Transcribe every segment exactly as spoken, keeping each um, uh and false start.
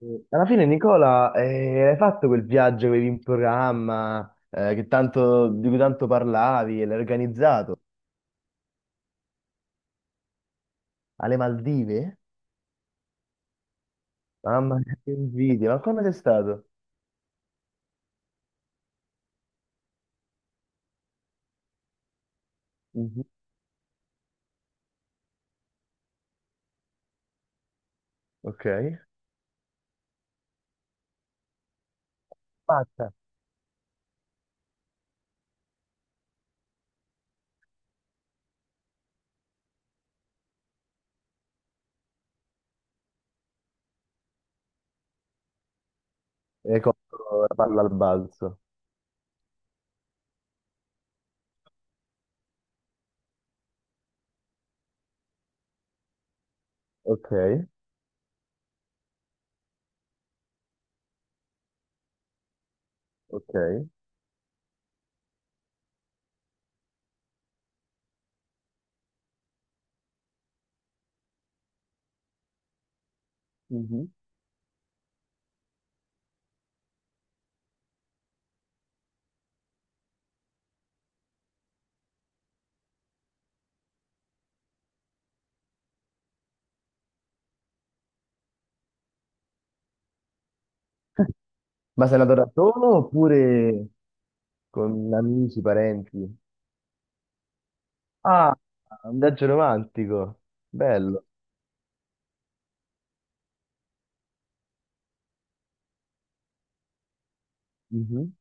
Eh, Alla fine, Nicola, eh, hai fatto quel viaggio che avevi in programma, eh, che tanto- di cui tanto parlavi e l'hai organizzato alle Maldive? Mamma mia, che invidia, ma come sei stato? Mhm. Ok. Fatta. E hai colto la palla al balzo. Ok, ok. Mhm. Ma sei andato da solo oppure con amici, parenti? Ah, un viaggio romantico. Bello. Mhm.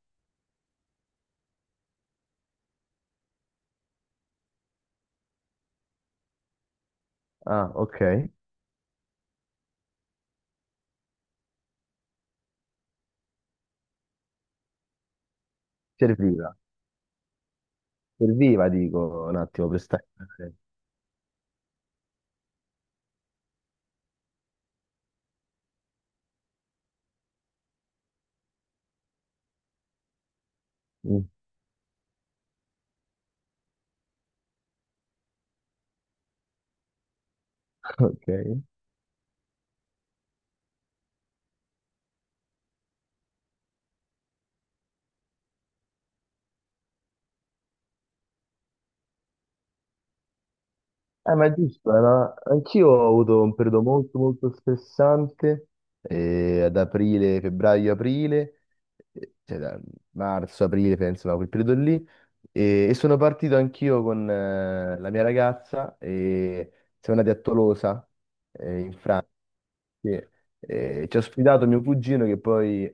Ah, ok. Serviva. Serviva, dico, un attimo per staccare. Mm. Ok. Eh, ma è giusto, era- anch'io ho avuto un periodo molto molto stressante eh, ad aprile, febbraio, aprile, eh, cioè da marzo, aprile, penso, no, quel periodo lì. E, e sono partito anch'io con eh, la mia ragazza e siamo andati a Tolosa, eh, in Francia. Sì. Eh, ci ha ospitato mio cugino che poi,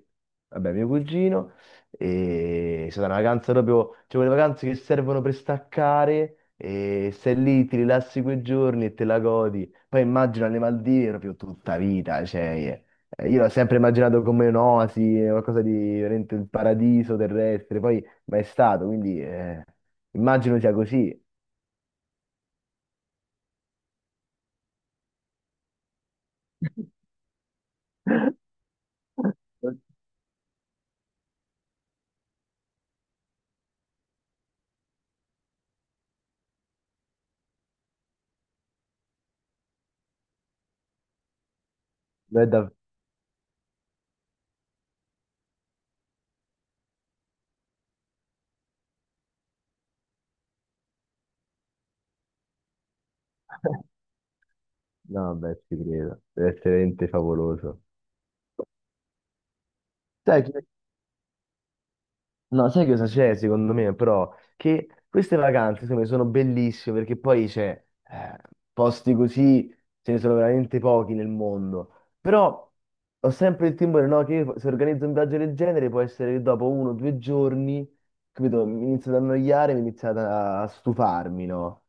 vabbè, mio cugino. E è stata una vacanza proprio, cioè quelle vacanze che servono per staccare e stai lì, ti rilassi quei giorni e te la godi. Poi immagino alle Maldive proprio tutta vita, cioè eh, io l'ho sempre immaginato come un'oasi, eh, qualcosa di veramente il paradiso terrestre, poi mai stato, quindi eh, immagino sia così. Non è da- No, beh, ci credo, deve essere veramente favoloso. Sai. No, sai cosa c'è secondo me, però? Che queste vacanze, secondo me, sono bellissime perché poi c'è eh, posti così, ce ne sono veramente pochi nel mondo. Però ho sempre il timore, no, che io, se organizzo un viaggio del genere può essere che dopo uno o due giorni, capito, mi inizio ad annoiare, mi inizio ad- a stufarmi, no?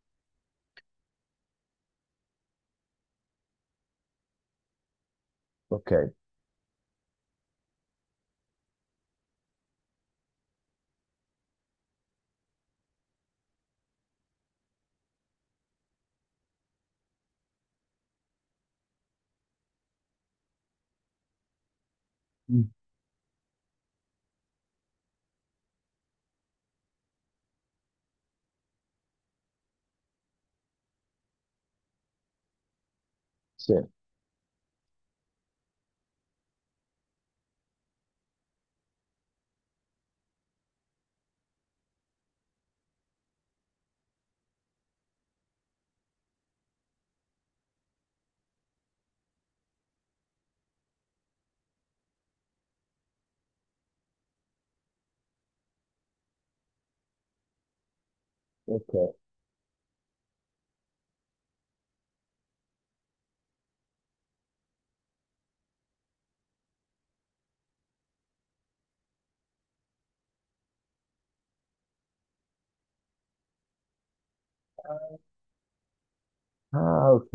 Ok. Mm. Sì, ok. Ah, ok.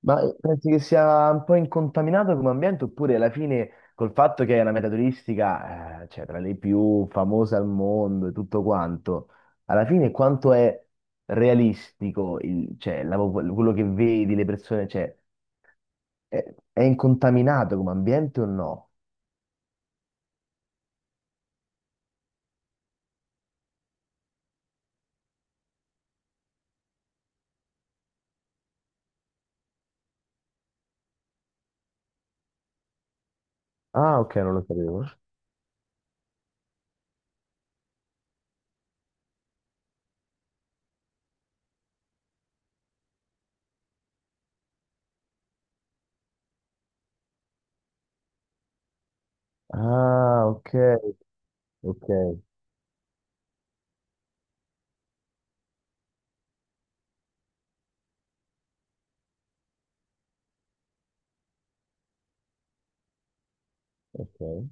Ma eh, pensi che sia un po' incontaminato come ambiente, oppure alla fine col fatto che è una meta turistica, eh, cioè tra le più famose al mondo e tutto quanto, alla fine quanto è realistico il- cioè, la pop- quello che vedi, le persone, cioè, è, è incontaminato come ambiente o no? Ah, ok, non lo sapevo. Ah, ok, ok, ok.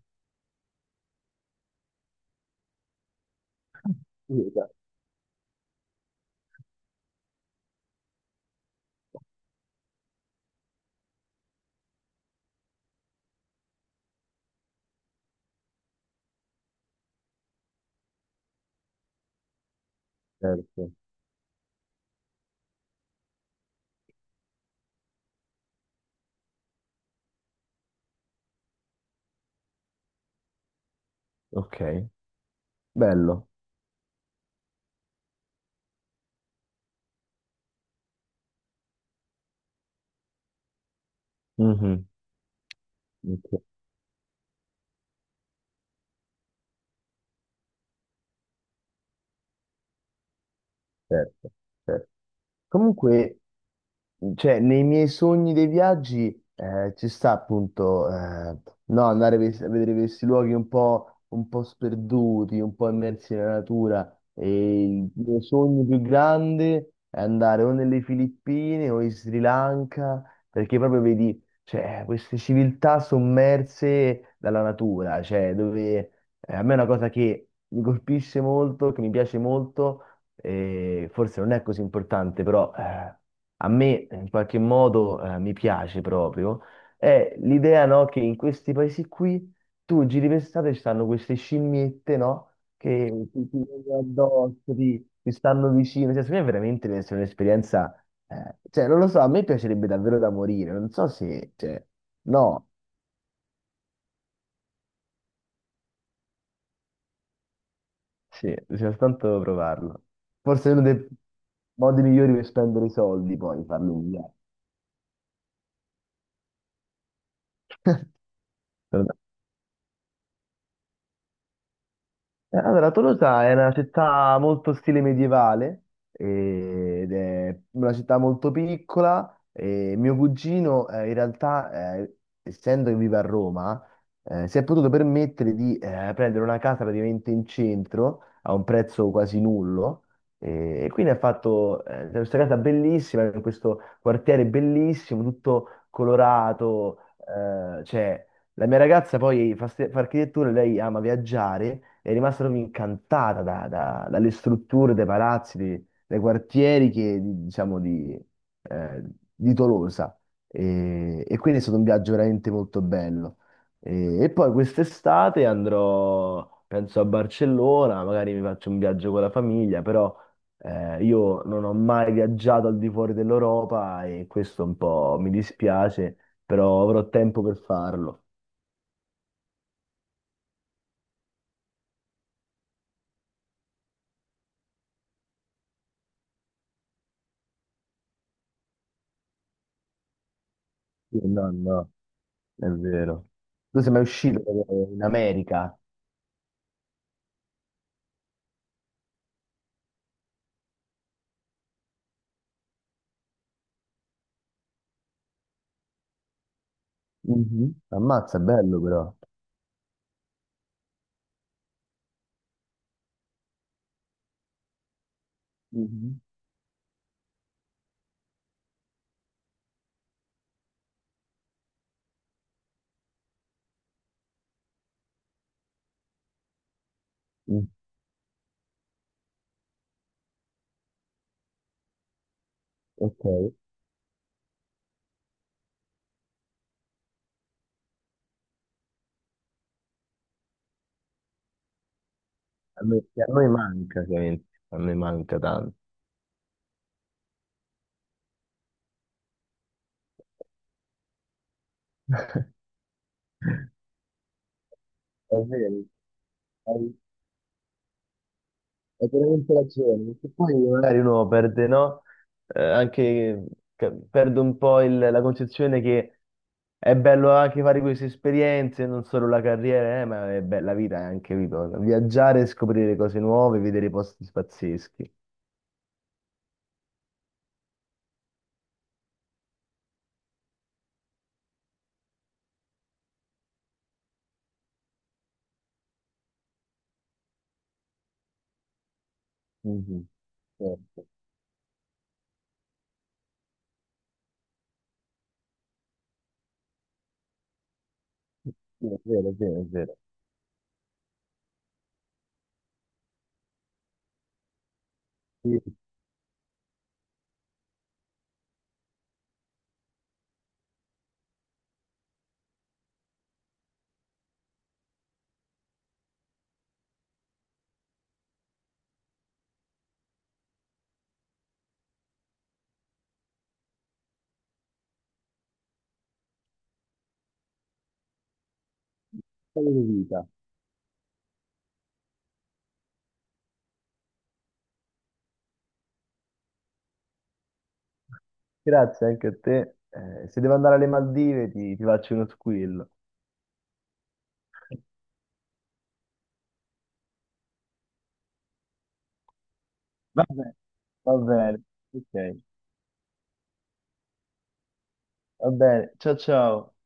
Sì, esatto. Certo. Ok, bello. Mhm, ok. Certo, certo. Comunque, cioè, nei miei sogni dei viaggi eh, ci sta appunto eh, no, andare a ves- a vedere questi luoghi un po', un po' sperduti, un po' immersi nella natura. E il mio sogno più grande è andare o nelle Filippine o in Sri Lanka, perché proprio vedi, cioè, queste civiltà sommerse dalla natura, cioè, dove eh, a me è una cosa che mi colpisce molto, che mi piace molto e forse non è così importante, però eh, a me in qualche modo eh, mi piace proprio, è l'idea, no, che in questi paesi qui tu giri per strada e ci stanno queste scimmiette, no, che ti, ti vengono addosso, ti, ti stanno vicino, cioè, secondo me veramente deve essere un'esperienza, eh, cioè non lo so, a me piacerebbe davvero da morire, non so se, cioè, no, sì, bisogna soltanto provarlo. Forse è uno dei modi migliori per spendere i soldi, poi farlo un viaggio. Eh, Allora, Tolosa è una città molto stile medievale eh, ed è una città molto piccola. E mio cugino, eh, in realtà, eh, essendo che vive a Roma, eh, si è potuto permettere di eh, prendere una casa praticamente in centro a un prezzo quasi nullo. eh, E quindi ha fatto eh, questa casa bellissima, in questo quartiere bellissimo, tutto colorato. eh, cioè, la mia ragazza poi fa, fa architettura, lei ama viaggiare è rimasta proprio incantata da- da- dalle strutture dei palazzi, dei, dei quartieri che, di- diciamo, di, eh, di Tolosa. E, e quindi è stato un viaggio veramente molto bello. E, e poi quest'estate andrò, penso, a Barcellona, magari mi faccio un viaggio con la famiglia, però eh, io non ho mai viaggiato al di fuori dell'Europa e questo un po' mi dispiace, però avrò tempo per farlo. Sì, no, no. È vero. Tu sei mai uscito eh, in America? Mhm. Ammazza, è bello però. Mhm. Mm. Ok. A noi, a noi manca, ovviamente. A noi manca tanto. È vero. Hai veramente ragione, perché poi magari uno perde, no? Eh, anche ca- perde un po' il- la concezione che è bello anche fare queste esperienze, non solo la carriera, eh, ma è bella vita anche, capito? Viaggiare, scoprire cose nuove, vedere posti pazzeschi. Mhm, certo. Sì, è vero, è vero, è vero. Sì, storia di vita. Grazie anche a te. Eh, se devo andare alle Maldive ti, ti faccio uno squillo. Va bene, va bene. Ok, va bene. Ciao ciao.